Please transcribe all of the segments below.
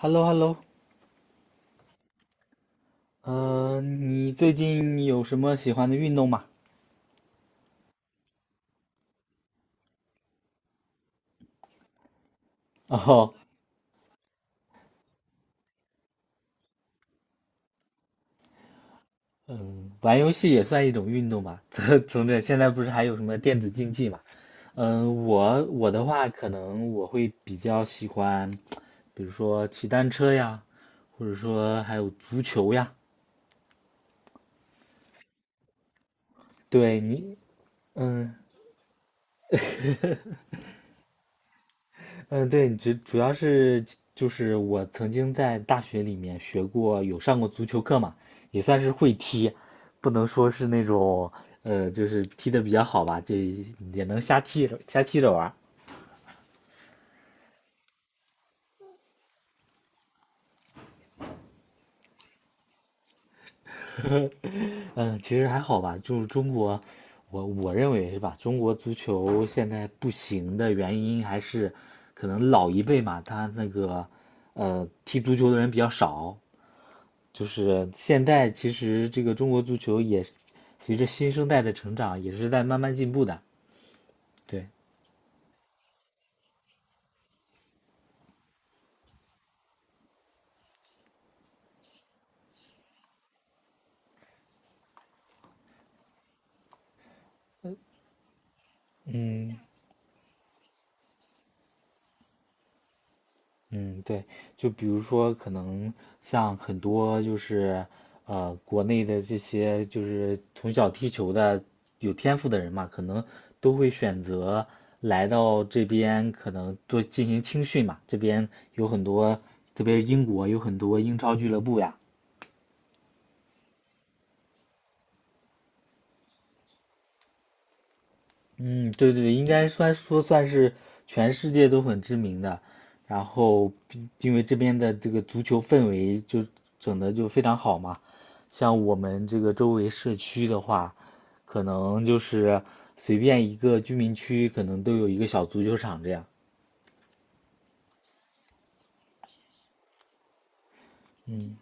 h e l l o h e l l o 嗯，你最近有什么喜欢的运动吗？哦，嗯，玩游戏也算一种运动吧。从这现在不是还有什么电子竞技嘛？嗯，我的话，可能我会比较喜欢，比如说骑单车呀，或者说还有足球呀。对你，嗯，嗯，对，主要是就是我曾经在大学里面学过，有上过足球课嘛，也算是会踢，不能说是那种就是踢的比较好吧，就也能瞎踢着瞎踢着玩儿。嗯，其实还好吧，就是中国，我认为是吧，中国足球现在不行的原因还是可能老一辈嘛，他那个踢足球的人比较少，就是现在其实这个中国足球也随着新生代的成长，也是在慢慢进步的。对，嗯嗯，对，就比如说可能像很多就是国内的这些就是从小踢球的有天赋的人嘛，可能都会选择来到这边，可能做进行青训嘛。这边有很多，特别是英国有很多英超俱乐部呀。嗯，对对对，应该算说算是全世界都很知名的，然后毕因为这边的这个足球氛围就整的就非常好嘛，像我们这个周围社区的话，可能就是随便一个居民区可能都有一个小足球场这样。嗯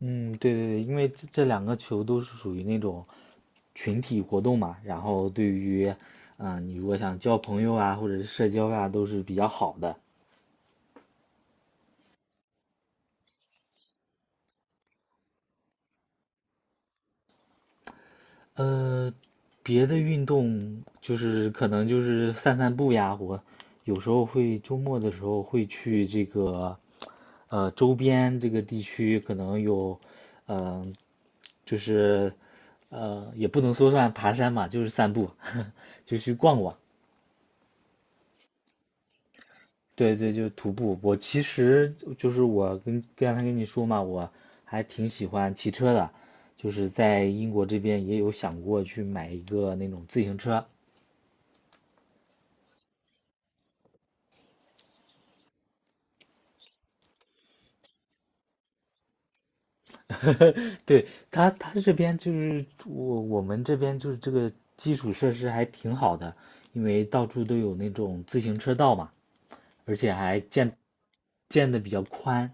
嗯，对对对，因为这两个球都是属于那种群体活动嘛，然后对于，嗯、你如果想交朋友啊，或者是社交啊，都是比较好的。呃，别的运动就是可能就是散散步呀，我有时候会周末的时候会去这个周边这个地区，可能有嗯、呃就是也不能说算爬山嘛，就是散步，就去逛逛。对对，就是徒步。我其实就是我跟刚才跟你说嘛，我还挺喜欢骑车的，就是在英国这边也有想过去买一个那种自行车。对，他这边就是我们这边就是这个基础设施还挺好的，因为到处都有那种自行车道嘛，而且还建的比较宽，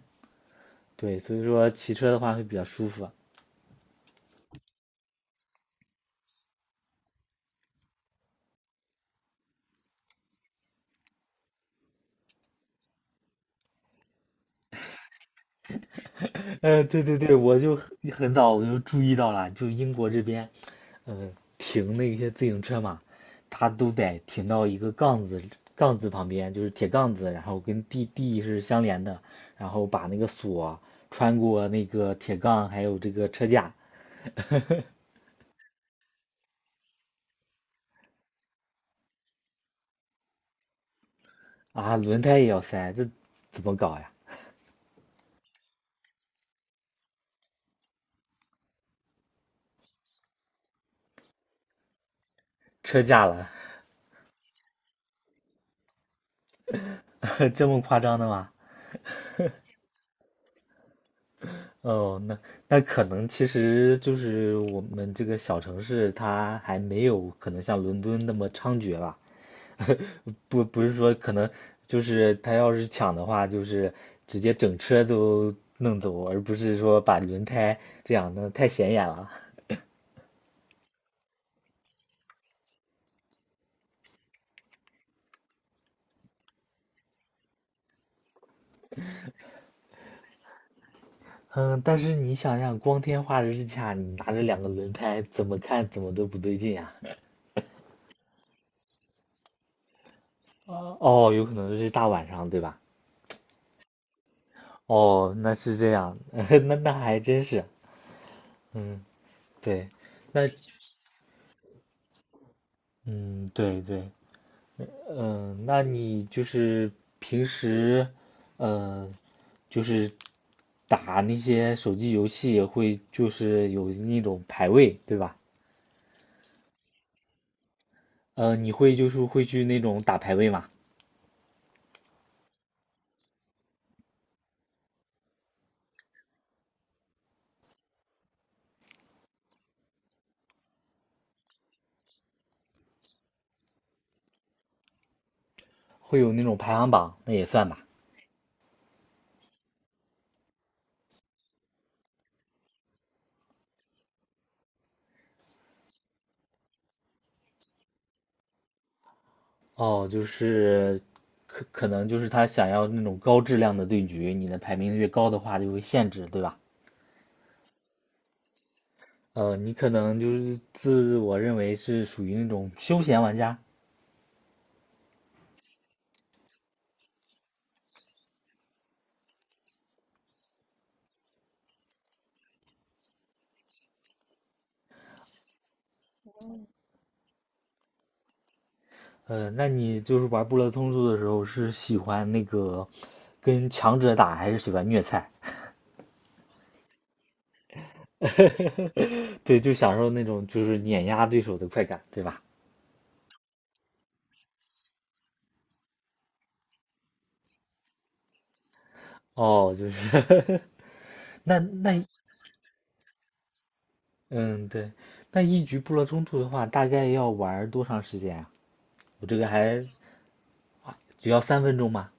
对，所以说骑车的话会比较舒服。对对对，我就很早我就注意到了，就英国这边，呃，停那些自行车嘛，它都得停到一个杠子旁边，就是铁杠子，然后跟地是相连的，然后把那个锁穿过那个铁杠，还有这个车架。啊，轮胎也要塞，这怎么搞呀？车架了。这么夸张的吗？哦，那可能其实就是我们这个小城市，它还没有可能像伦敦那么猖獗吧？不，不是说可能就是他要是抢的话，就是直接整车都弄走，而不是说把轮胎这样，那太显眼了。嗯，但是你想想，光天化日之下，你拿着两个轮胎，怎么看怎么都不对劲呀、哦，有可能是大晚上，对吧？哦，那是这样，那还真是，嗯，对。那嗯，对对，嗯，那你就是平时，嗯，就是打那些手机游戏也会就是有那种排位，对吧？你会就是会去那种打排位嘛？会有那种排行榜，那也算吧。哦，就是可能就是他想要那种高质量的对局，你的排名越高的话就会限制，对吧？你可能就是自我认为是属于那种休闲玩家。那你就是玩《部落冲突的时候，是喜欢那个跟强者打，还是喜欢虐菜？对，就享受那种就是碾压对手的快感，对吧？哦，就是 那那嗯，对，那一局部落冲突的话，大概要玩多长时间啊？我这个还只要三分钟吗？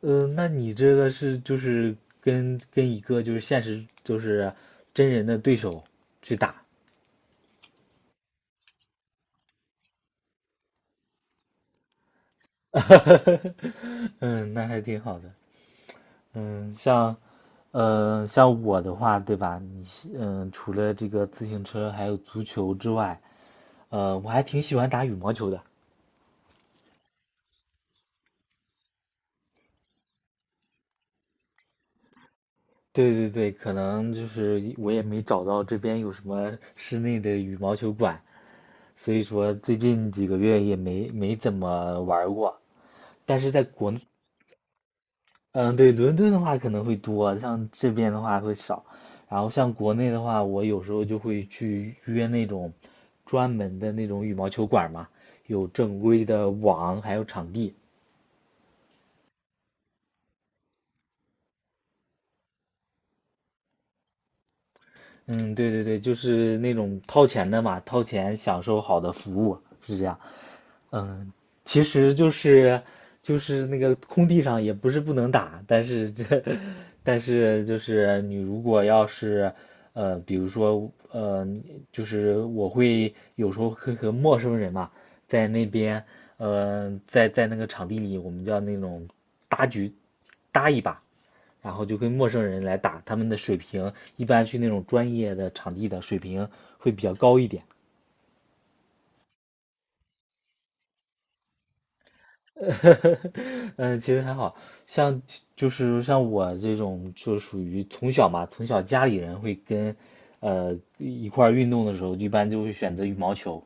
嗯，那你这个是就是跟一个就是现实就是真人的对手去打。嗯，那还挺好的。嗯，像，像我的话，对吧？你是嗯，除了这个自行车还有足球之外，我还挺喜欢打羽毛球的。对对对，可能就是我也没找到这边有什么室内的羽毛球馆，所以说最近几个月也没怎么玩儿过。但是在国嗯，对，伦敦的话可能会多，像这边的话会少。然后像国内的话，我有时候就会去约那种专门的那种羽毛球馆嘛，有正规的网，还有场地。嗯，对对对，就是那种掏钱的嘛，掏钱享受好的服务，是这样。嗯，其实就是就是那个空地上也不是不能打，但是这 但是就是你如果要是比如说就是我会有时候会和陌生人嘛，在那边在那个场地里，我们叫那种搭局搭一把，然后就跟陌生人来打，他们的水平一般去那种专业的场地的水平会比较高一点。嗯，其实还好，像就是像我这种，就属于从小嘛，从小家里人会跟，一块儿运动的时候，一般就会选择羽毛球，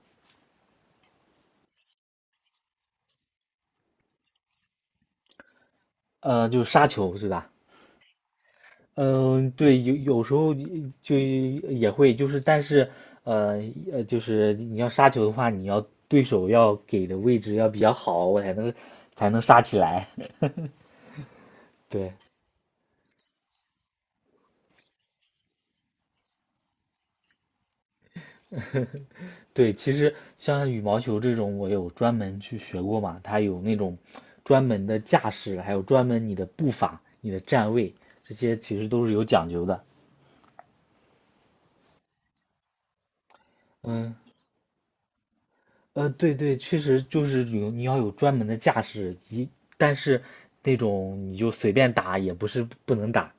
就是杀球是吧？嗯，对，有有时候就也会，就是但是，呃就是你要杀球的话，你要对手要给的位置要比较好，我才能杀起来。对，对，其实像羽毛球这种，我有专门去学过嘛，它有那种专门的架势，还有专门你的步伐、你的站位，这些其实都是有讲究的。嗯，对对，确实就是有你要有专门的架势，一但是那种你就随便打也不是不能打，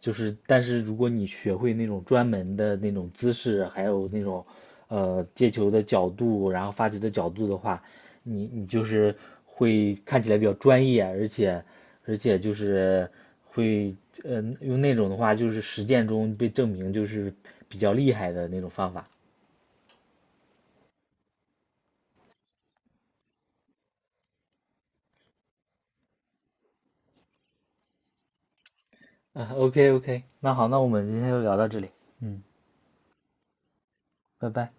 就是但是如果你学会那种专门的那种姿势，还有那种接球的角度，然后发球的角度的话，你就是会看起来比较专业，而且而且就是会呃用那种的话，就是实践中被证明就是比较厉害的那种方法。啊，OK OK，那好，那我们今天就聊到这里，嗯，拜拜。